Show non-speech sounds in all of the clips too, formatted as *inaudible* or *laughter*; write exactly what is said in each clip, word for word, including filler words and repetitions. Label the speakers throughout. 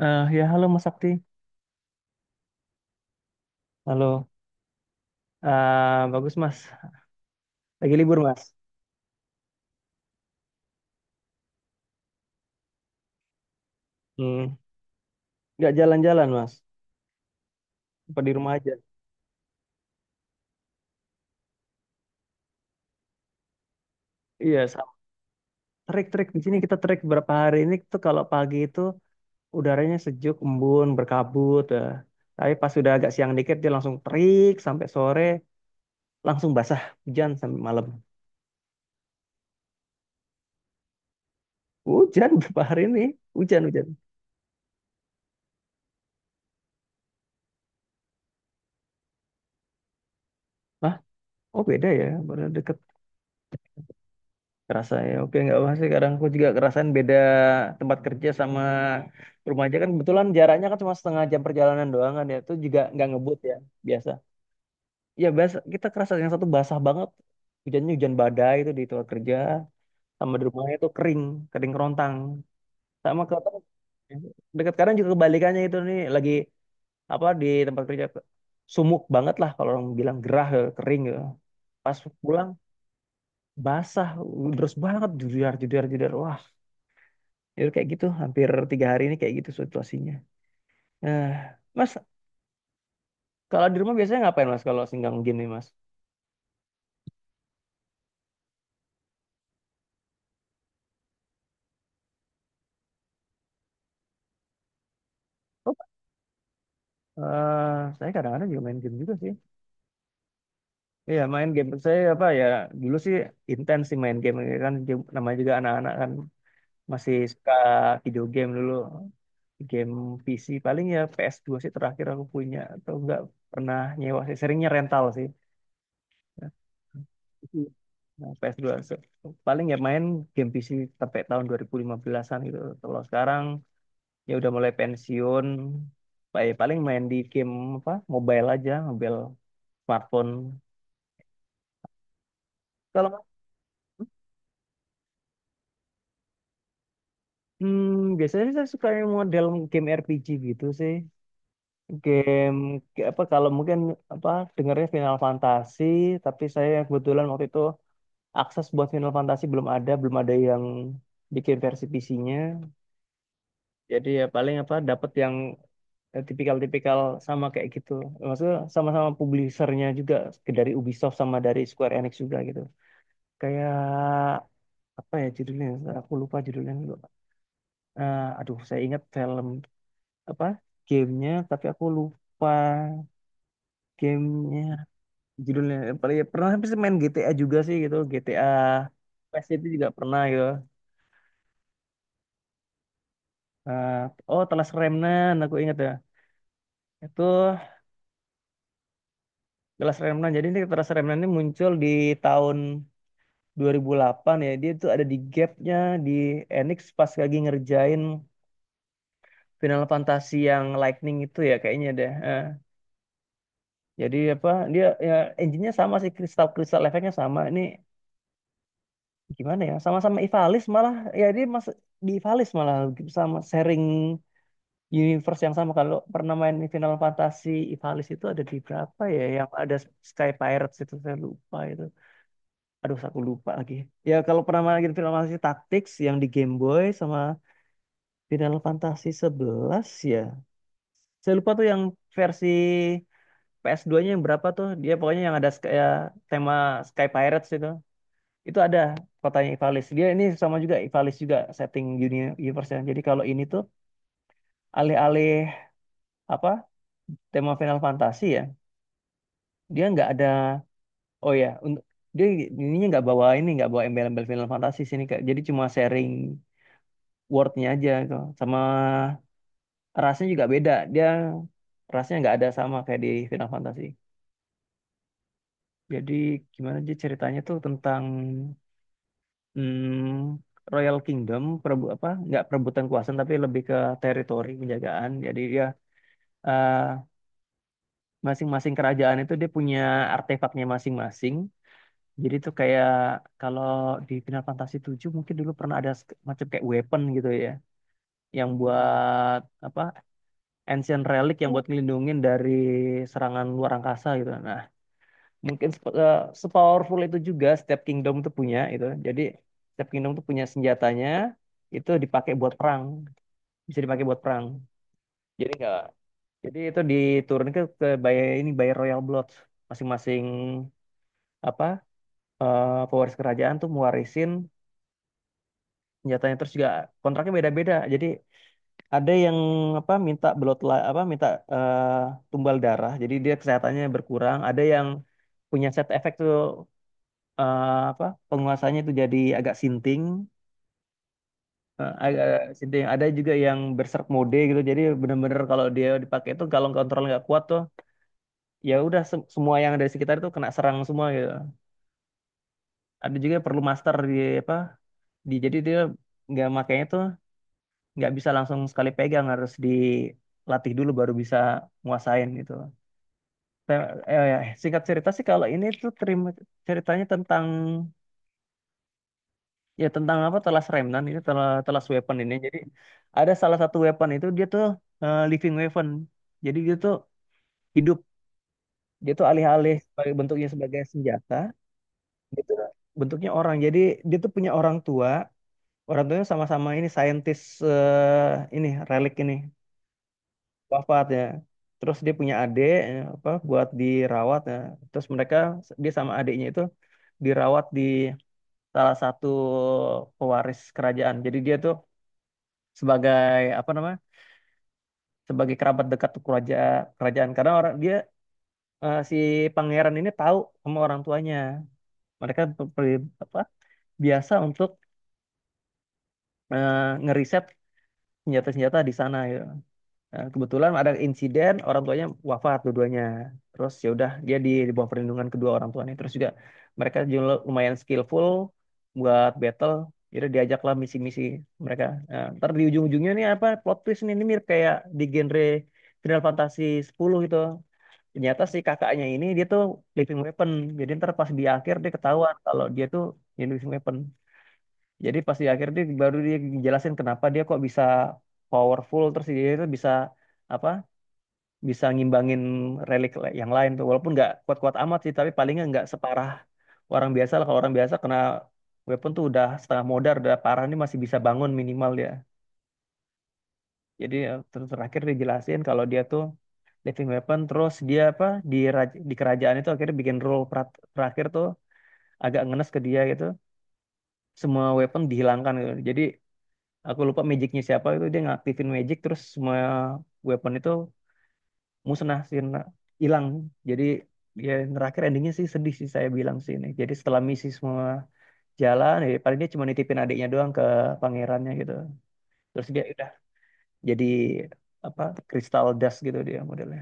Speaker 1: Eh, ya, halo Mas Sakti. Halo. Eh, bagus, Mas. Lagi libur, Mas. Hmm. Nggak jalan-jalan, Mas. Apa di rumah aja? Iya, sama. Trek-trek di sini kita trek berapa hari ini tuh, kalau pagi itu udaranya sejuk, embun, berkabut. eh. Tapi pas sudah agak siang dikit dia langsung terik sampai sore, langsung basah, hujan sampai malam. Hujan *laughs* berapa hari ini? Hujan, hujan. Hah? Oh, beda ya, baru deket kerasa ya. Oke, nggak apa sih, kadang aku juga kerasain beda tempat kerja sama rumah aja kan, kebetulan jaraknya kan cuma setengah jam perjalanan doang kan, ya itu juga nggak ngebut ya biasa. Ya biasa, kita kerasa yang satu basah banget hujannya, hujan badai itu di tempat kerja, sama di rumahnya itu kering, kering kerontang. Sama ke Dekat, kadang juga kebalikannya itu nih, lagi apa, di tempat kerja sumuk banget lah, kalau orang bilang gerah ya, kering ya. Pas pulang basah terus banget, jujur jujur jujur, wah. Ya kayak gitu, hampir tiga hari ini kayak gitu situasinya. Eh, Mas, kalau di rumah biasanya ngapain, Mas, kalau singgang game nih, Mas? Oh, eh saya kadang-kadang juga main game juga sih. Iya, main game. Saya apa ya, dulu sih intens sih main game. Ya kan game- namanya juga anak-anak kan, masih suka video game dulu. Game P C, paling ya ps dua sih terakhir aku punya, atau enggak pernah nyewa sih. Seringnya rental sih. Nah, P S dua Se- paling ya main game P C sampai tahun dua ribu lima belas-an gitu. Kalau sekarang ya udah mulai pensiun, Pa- paling main di game apa? Mobile aja, mobile smartphone. Kalau hmm, biasanya sih saya suka yang model game R P G gitu sih. Game ke- apa kalau mungkin apa, dengarnya Final Fantasy, tapi saya kebetulan waktu itu akses buat Final Fantasy belum ada, belum ada yang bikin versi P C-nya. Jadi ya paling apa, dapat yang eh, tipikal-tipikal sama kayak gitu. Maksudnya sama-sama publishernya juga dari Ubisoft sama dari Square Enix juga gitu. Kayak apa ya judulnya? Aku lupa judulnya dulu. Eh, aduh, saya ingat film apa, gamenya, tapi aku lupa gamenya judulnya. Paling ya, pernah sih main G T A juga sih gitu. G T A Quest itu juga pernah gitu. Eh, oh, Telas Remnan, aku ingat ya. Itu Telas Remnan. Jadi ini Telas Remnan ini muncul di tahun dua ribu delapan ya, dia tuh ada di gapnya di Enix pas lagi ngerjain Final Fantasy yang Lightning itu ya kayaknya deh. Eh, jadi apa, dia ya engine-nya sama sih, kristal kristal efeknya sama. Ini gimana ya, sama-sama Ivalice malah ya, dia Mas di Ivalice malah sama sharing universe yang sama. Kalau pernah main Final Fantasy Ivalice itu ada di berapa ya, yang ada Sky Pirates itu, saya lupa itu. Aduh, aku lupa lagi. Ya kalau pernah main Final Fantasy Tactics yang di Game Boy sama Final Fantasy sebelas ya. Saya lupa tuh yang versi ps dua nya yang berapa tuh. Dia pokoknya yang ada kayak tema Sky Pirates itu. Itu ada kotanya Ivalice. Dia ini sama juga Ivalice juga setting dunia universe-nya. Jadi kalau ini tuh alih-alih apa, tema Final Fantasy ya. Dia nggak ada, oh ya untuk dia ininya nggak bawa, ini nggak bawa embel-embel Final Fantasy sini kayak, jadi cuma sharing word-nya aja gitu. Sama rasnya juga beda. Dia rasnya nggak ada sama kayak di Final Fantasy. Jadi gimana sih ceritanya tuh, tentang mm, Royal Kingdom, perebu apa? Nggak perebutan kuasa, tapi lebih ke teritori penjagaan. Jadi dia eh, masing-masing kerajaan itu dia punya artefaknya masing-masing. Jadi itu kayak kalau di Final Fantasy tujuh mungkin dulu pernah ada sk- macam kayak weapon gitu ya, yang buat apa? Ancient relic yang buat ngelindungin dari serangan luar angkasa gitu. Nah, mungkin sep- eh, sepowerful itu juga setiap kingdom itu punya itu, jadi setiap kingdom itu punya senjatanya, itu dipakai buat perang, bisa dipakai buat perang. Jadi enggak, jadi itu diturunkan ke, ke by ini, by royal blood masing-masing apa, eh, pewaris kerajaan tuh mewarisin senjatanya. Terus juga kontraknya beda-beda, jadi ada yang apa, minta blood li- apa minta eh, tumbal darah jadi dia kesehatannya berkurang, ada yang punya side effect tuh eh, apa, penguasanya itu jadi agak sinting, eh, agak sinting, ada juga yang berserk mode gitu jadi bener-bener kalau dia dipakai itu, kalau kontrol nggak kuat tuh ya udah, se- semua yang ada di sekitar itu kena serang semua gitu. Ada juga yang perlu master di apa, di, jadi dia nggak makainya tuh nggak bisa langsung sekali pegang, harus dilatih dulu baru bisa nguasain gitu. Te- eh, eh, Singkat cerita sih kalau ini tuh terima ceritanya tentang, ya tentang apa, telas remnant itu telas, telas weapon ini. Jadi ada salah satu weapon itu dia tuh eh, living weapon. Jadi dia tuh hidup, dia tuh alih-alih sebagai bentuknya sebagai senjata, dia tuh bentuknya orang. Jadi dia tuh punya orang tua, orang tuanya sama-sama ini saintis. eh, ini relik ini wafat ya. Terus dia punya adik eh, apa, buat dirawat ya. Terus mereka, dia sama adiknya itu dirawat di salah satu pewaris kerajaan. Jadi dia tuh sebagai apa namanya, sebagai kerabat dekat kerajaan, kerajaan karena orang dia eh, si pangeran ini tahu sama orang tuanya. Mereka per- per- apa, biasa untuk eh, ngeriset senjata-senjata di sana ya. Nah, kebetulan ada insiden orang tuanya wafat dua-duanya. Terus ya udah dia di, di bawah perlindungan kedua orang tuanya. Terus juga mereka juga lumayan skillful buat battle. Jadi diajaklah misi-misi mereka. Nah, ntar di ujung-ujungnya nih apa, plot twist nih, ini mirip kayak di genre Final Fantasy sepuluh itu. Ternyata si kakaknya ini dia tuh living weapon. Jadi ntar pas di akhir dia ketahuan kalau dia tuh ya living weapon. Jadi pas di akhir dia baru dia jelasin kenapa dia kok bisa powerful, terus dia itu bisa apa, bisa ngimbangin relik le- yang lain tuh, walaupun nggak kuat-kuat amat sih, tapi palingnya nggak separah orang biasa lah. Kalau orang biasa kena weapon tuh udah setengah modar, udah parah nih masih bisa bangun, minimal dia. Jadi ya, ter terakhir dijelasin kalau dia tuh living weapon, terus dia apa, di raj- di kerajaan itu akhirnya bikin rule perat- Terakhir tuh agak ngenes ke dia gitu, semua weapon dihilangkan gitu. Jadi aku lupa magicnya siapa itu, dia ngaktifin magic terus semua weapon itu musnah sih, na- hilang. Jadi ya terakhir endingnya sih sedih sih saya bilang sih ini. Jadi setelah misi semua jalan ya paling dia cuma nitipin adiknya doang ke pangerannya gitu, terus dia udah jadi apa, kristal dust gitu dia modelnya.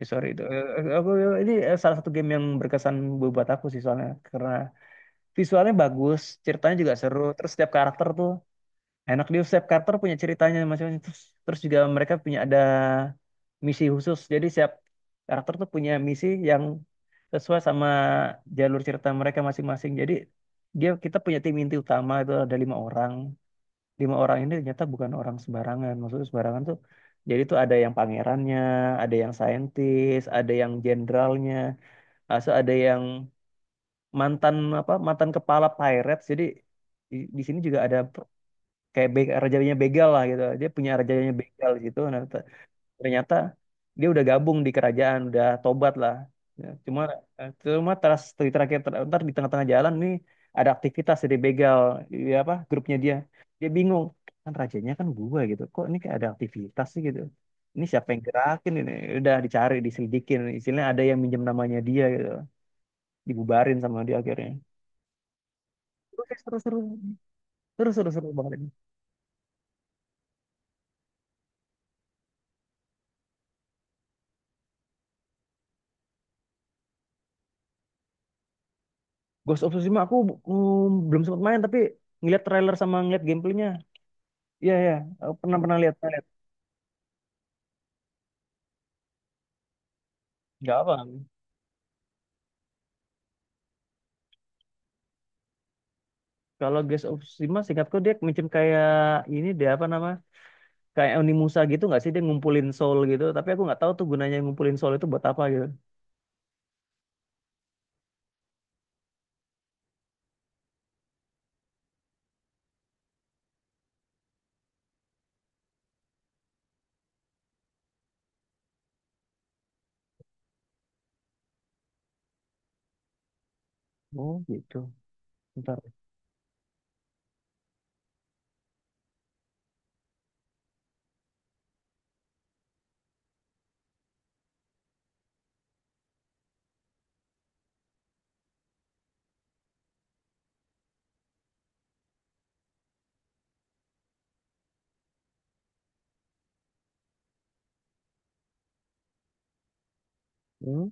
Speaker 1: Ya, sorry itu. Eh, eh, aku ini, eh, salah satu game yang berkesan buat aku sih, soalnya karena visualnya bagus, ceritanya juga seru, terus setiap karakter tuh enak. Di Seth karakter punya ceritanya masing-masing. Terus, terus juga mereka punya ada misi khusus. Jadi setiap karakter tuh punya misi yang sesuai sama jalur cerita mereka masing-masing. Jadi dia kita punya tim inti utama itu ada lima orang. Lima orang ini ternyata bukan orang sembarangan. Maksudnya sembarangan tuh, jadi tuh ada yang pangerannya, ada yang saintis, ada yang jenderalnya, asal ada yang mantan apa, mantan kepala pirates. Jadi di, di sini juga ada kayak be rajanya begal lah gitu, dia punya rajanya begal gitu. Nah, t- ternyata dia udah gabung di kerajaan, udah tobat lah. Ya, cuma eh, cuma terus di terakhir ter- ntar di tengah-tengah jalan nih ada aktivitas dari begal ya, apa grupnya dia, dia bingung kan, rajanya kan gua gitu, kok ini kayak ada aktivitas sih gitu, ini siapa yang gerakin ini. Udah dicari diselidikin, istilahnya ada yang minjem namanya dia gitu, dibubarin sama dia akhirnya. Oke, seru seru seru seru seru banget. Ghost of Tsushima aku mm, belum sempat main, tapi ngeliat trailer sama ngeliat gameplaynya. Iya iya, aku pernah pernah lihat lihat. Nggak apa. Kalau Ghost of Tsushima seingatku dia macam kayak ini, dia apa nama? Kayak Onimusa gitu nggak sih, dia ngumpulin soul gitu. Tapi aku nggak tahu tuh gunanya ngumpulin soul itu buat apa gitu. Oh gitu. Bentar. Hmm.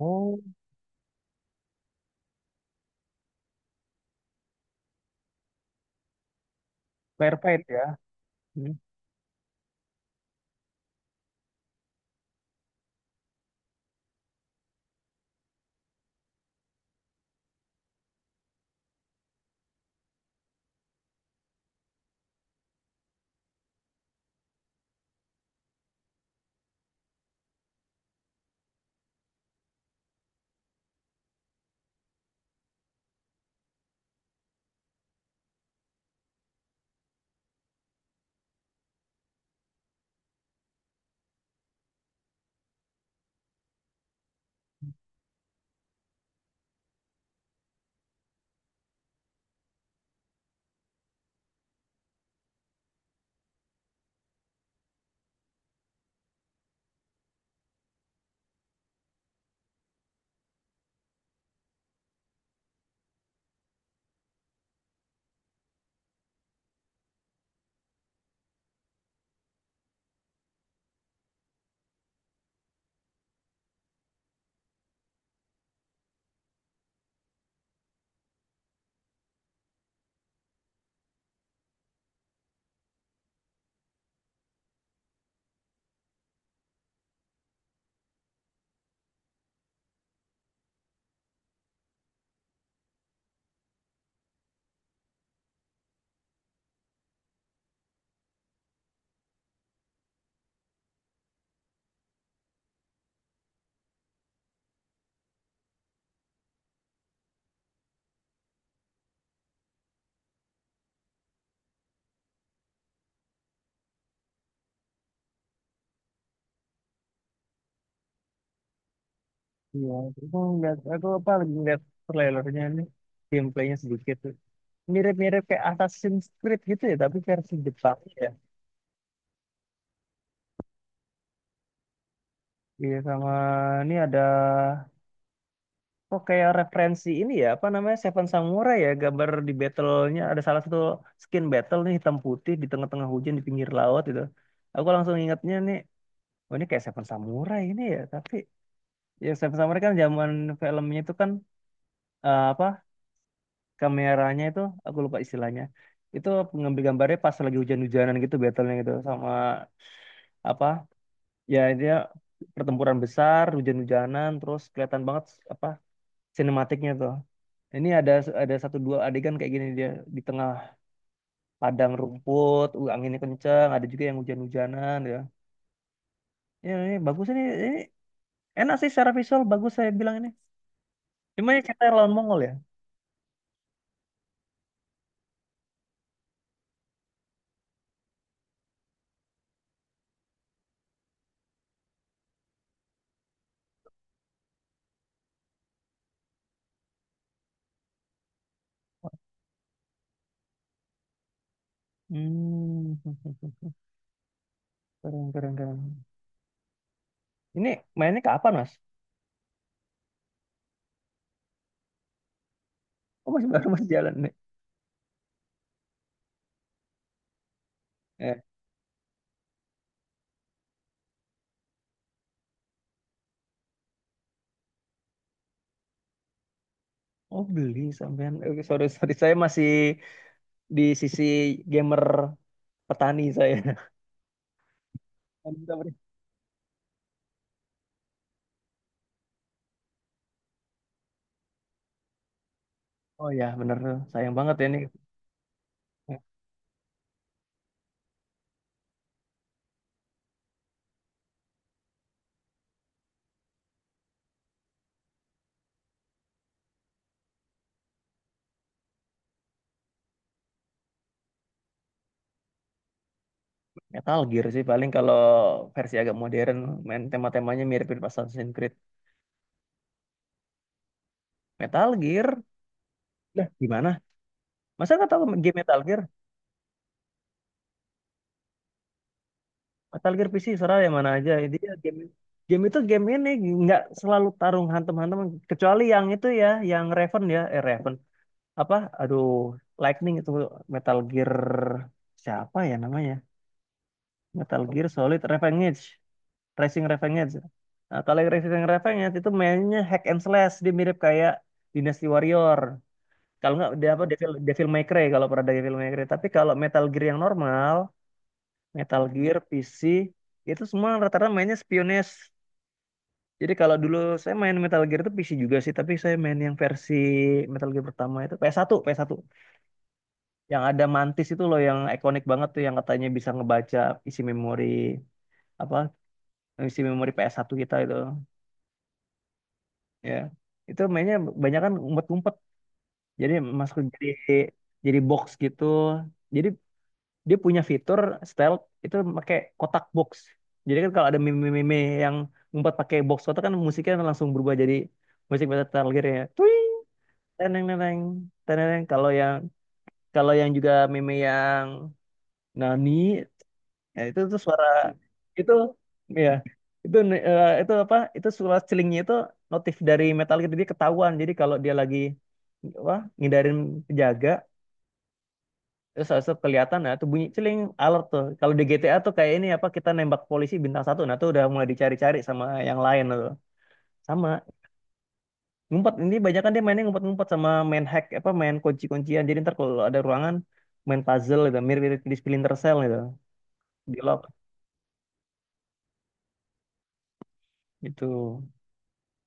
Speaker 1: Oh, Firefight ya. Hmm. Iya, aku ngeliat, aku apa lagi ngeliat trailernya nih, gameplaynya sedikit tuh. Mirip-mirip kayak Assassin's Creed gitu ya, tapi versi Jepang. Ya. Iya, sama ini ada kok kayak referensi ini ya, apa namanya, Seven Samurai ya, gambar di battle-nya ada salah satu skin battle nih hitam putih di tengah-tengah hujan di pinggir laut gitu. Aku langsung ingatnya nih, oh ini kayak Seven Samurai ini ya. Tapi ya Seven Samurai kan zaman filmnya itu kan eh, apa, kameranya itu, aku lupa istilahnya itu, ngambil gambarnya pas lagi hujan-hujanan gitu battle-nya gitu. Sama apa ya, dia pertempuran besar hujan-hujanan, terus kelihatan banget apa, sinematiknya tuh. Ini ada ada satu dua adegan kayak gini, dia di tengah padang rumput, uh, anginnya kencang, ada juga yang hujan-hujanan ya. Ya ini bagus ini, ini enak sih, secara visual bagus saya bilang ini. Cuma ini kita lawan Mongol ya. Hmm, *laughs* keren keren keren. Ini mainnya kapan, Mas? Oh masih baru, masih jalan nih. Eh, oh, beli sampean. Eh, Oke, sorry sorry saya masih di sisi gamer petani saya. *laughs* Oh ya bener, sayang banget ya ini. Metal Gear sih paling kalau versi agak modern main tema-temanya mirip-mirip Assassin's Creed. Metal Gear, lah gimana? Masa nggak tahu game Metal Gear? Metal Gear P C serah yang mana aja. Dia game game itu game ini nggak selalu tarung hantam-hantam kecuali yang itu ya, yang Raven ya, eh Raven apa? Aduh, Lightning itu Metal Gear siapa ya namanya? Metal Gear Solid Revenge, Racing Revenge. Nah, kalau yang Racing Revenge itu mainnya hack and slash, dia mirip kayak Dynasty Warrior. Kalau nggak dia apa Devil Devil May Cry kalau pernah ada Devil May Cry. Tapi kalau Metal Gear yang normal, Metal Gear P C itu semua rata-rata mainnya spionage. Jadi kalau dulu saya main Metal Gear itu P C juga sih, tapi saya main yang versi Metal Gear pertama itu P S satu, ps satu P S satu. Yang ada Mantis itu loh yang ikonik banget tuh yang katanya bisa ngebaca isi memori apa isi memori ps satu kita itu. Ya. Itu mainnya banyak kan umpet-umpet. Jadi masuk jadi jadi box gitu. Jadi dia punya fitur stealth itu pakai kotak box jadi kan kalau ada meme-meme yang ngumpet pakai box kotak kan musiknya langsung berubah jadi musik Metal Gear ya Tuing, teneng teneng teneng kalau yang kalau yang juga meme yang Nani ya itu tuh suara itu ya itu eh, itu apa itu suara celingnya itu notif dari Metal Gear jadi ketahuan jadi kalau dia lagi apa ngindarin penjaga. Terus habis itu kelihatan nah tuh bunyi celing alert tuh. Kalau di G T A tuh kayak ini apa kita nembak polisi bintang satu nah tuh udah mulai dicari-cari sama yang lain nah, tuh. Sama ngumpet ini banyak kan dia mainnya ngumpet-ngumpet sama main hack apa main kunci-kuncian. Jadi ntar kalau ada ruangan main puzzle gitu mirip-mirip di Splinter Cell gitu. Di lock gitu.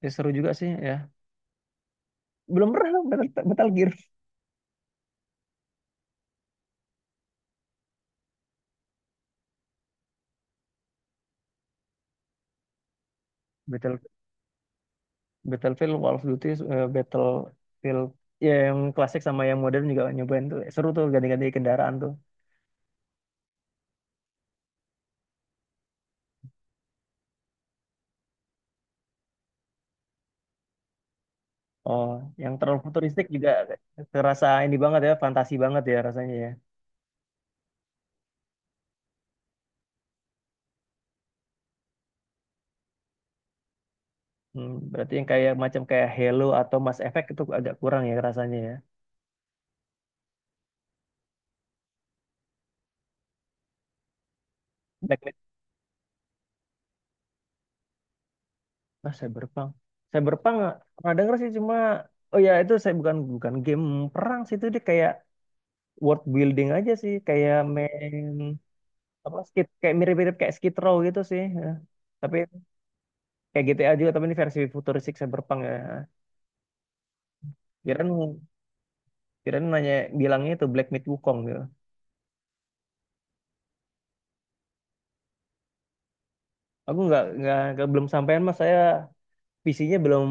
Speaker 1: Ya, seru juga sih ya. Belum pernah Battle, Battle Gear. Battle, Battlefield, Call of Duty, eh, Battlefield ya yang klasik sama yang modern juga nyobain tuh seru tuh ganti-ganti kendaraan tuh. Oh, yang terlalu futuristik juga terasa ini banget ya, fantasi banget ya rasanya ya. Hmm, berarti yang kayak macam kayak Halo atau Mass Effect itu agak kurang ya rasanya ya. Black. Nah, Cyberpunk. Cyberpunk pernah denger sih cuma oh ya itu saya bukan bukan game perang sih itu dia kayak world building aja sih, kayak main apa skit kayak mirip-mirip kayak Skid Row gitu sih. Ya. Tapi kayak G T A juga tapi ini versi futuristik Cyberpunk ya. Kirain kirain nanya bilangnya itu Black Myth Wukong gitu. Aku nggak nggak nggak- belum sampean mas. Saya P C-nya belum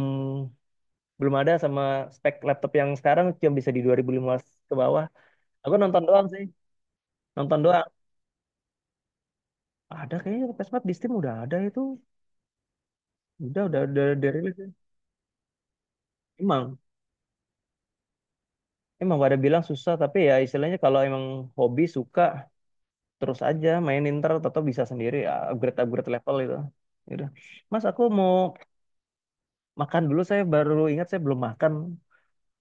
Speaker 1: belum ada sama spek laptop yang sekarang cuma bisa di dua ribu lima belas ke bawah. Aku nonton doang sih, nonton doang. Ada kayaknya P S empat di Steam udah ada itu. Udah udah udah dirilis. Ya. Emang emang pada bilang susah tapi ya istilahnya kalau emang hobi suka terus aja mainin ntar atau bisa sendiri upgrade upgrade level itu. Ya Mas aku mau makan dulu saya baru ingat saya belum makan.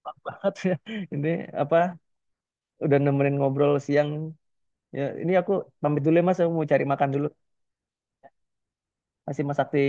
Speaker 1: Maaf banget *laughs* ya. Ini apa udah nemenin ngobrol siang. Ya, ini aku pamit dulu ya Mas, aku mau cari makan dulu. Masih Mas Sakti.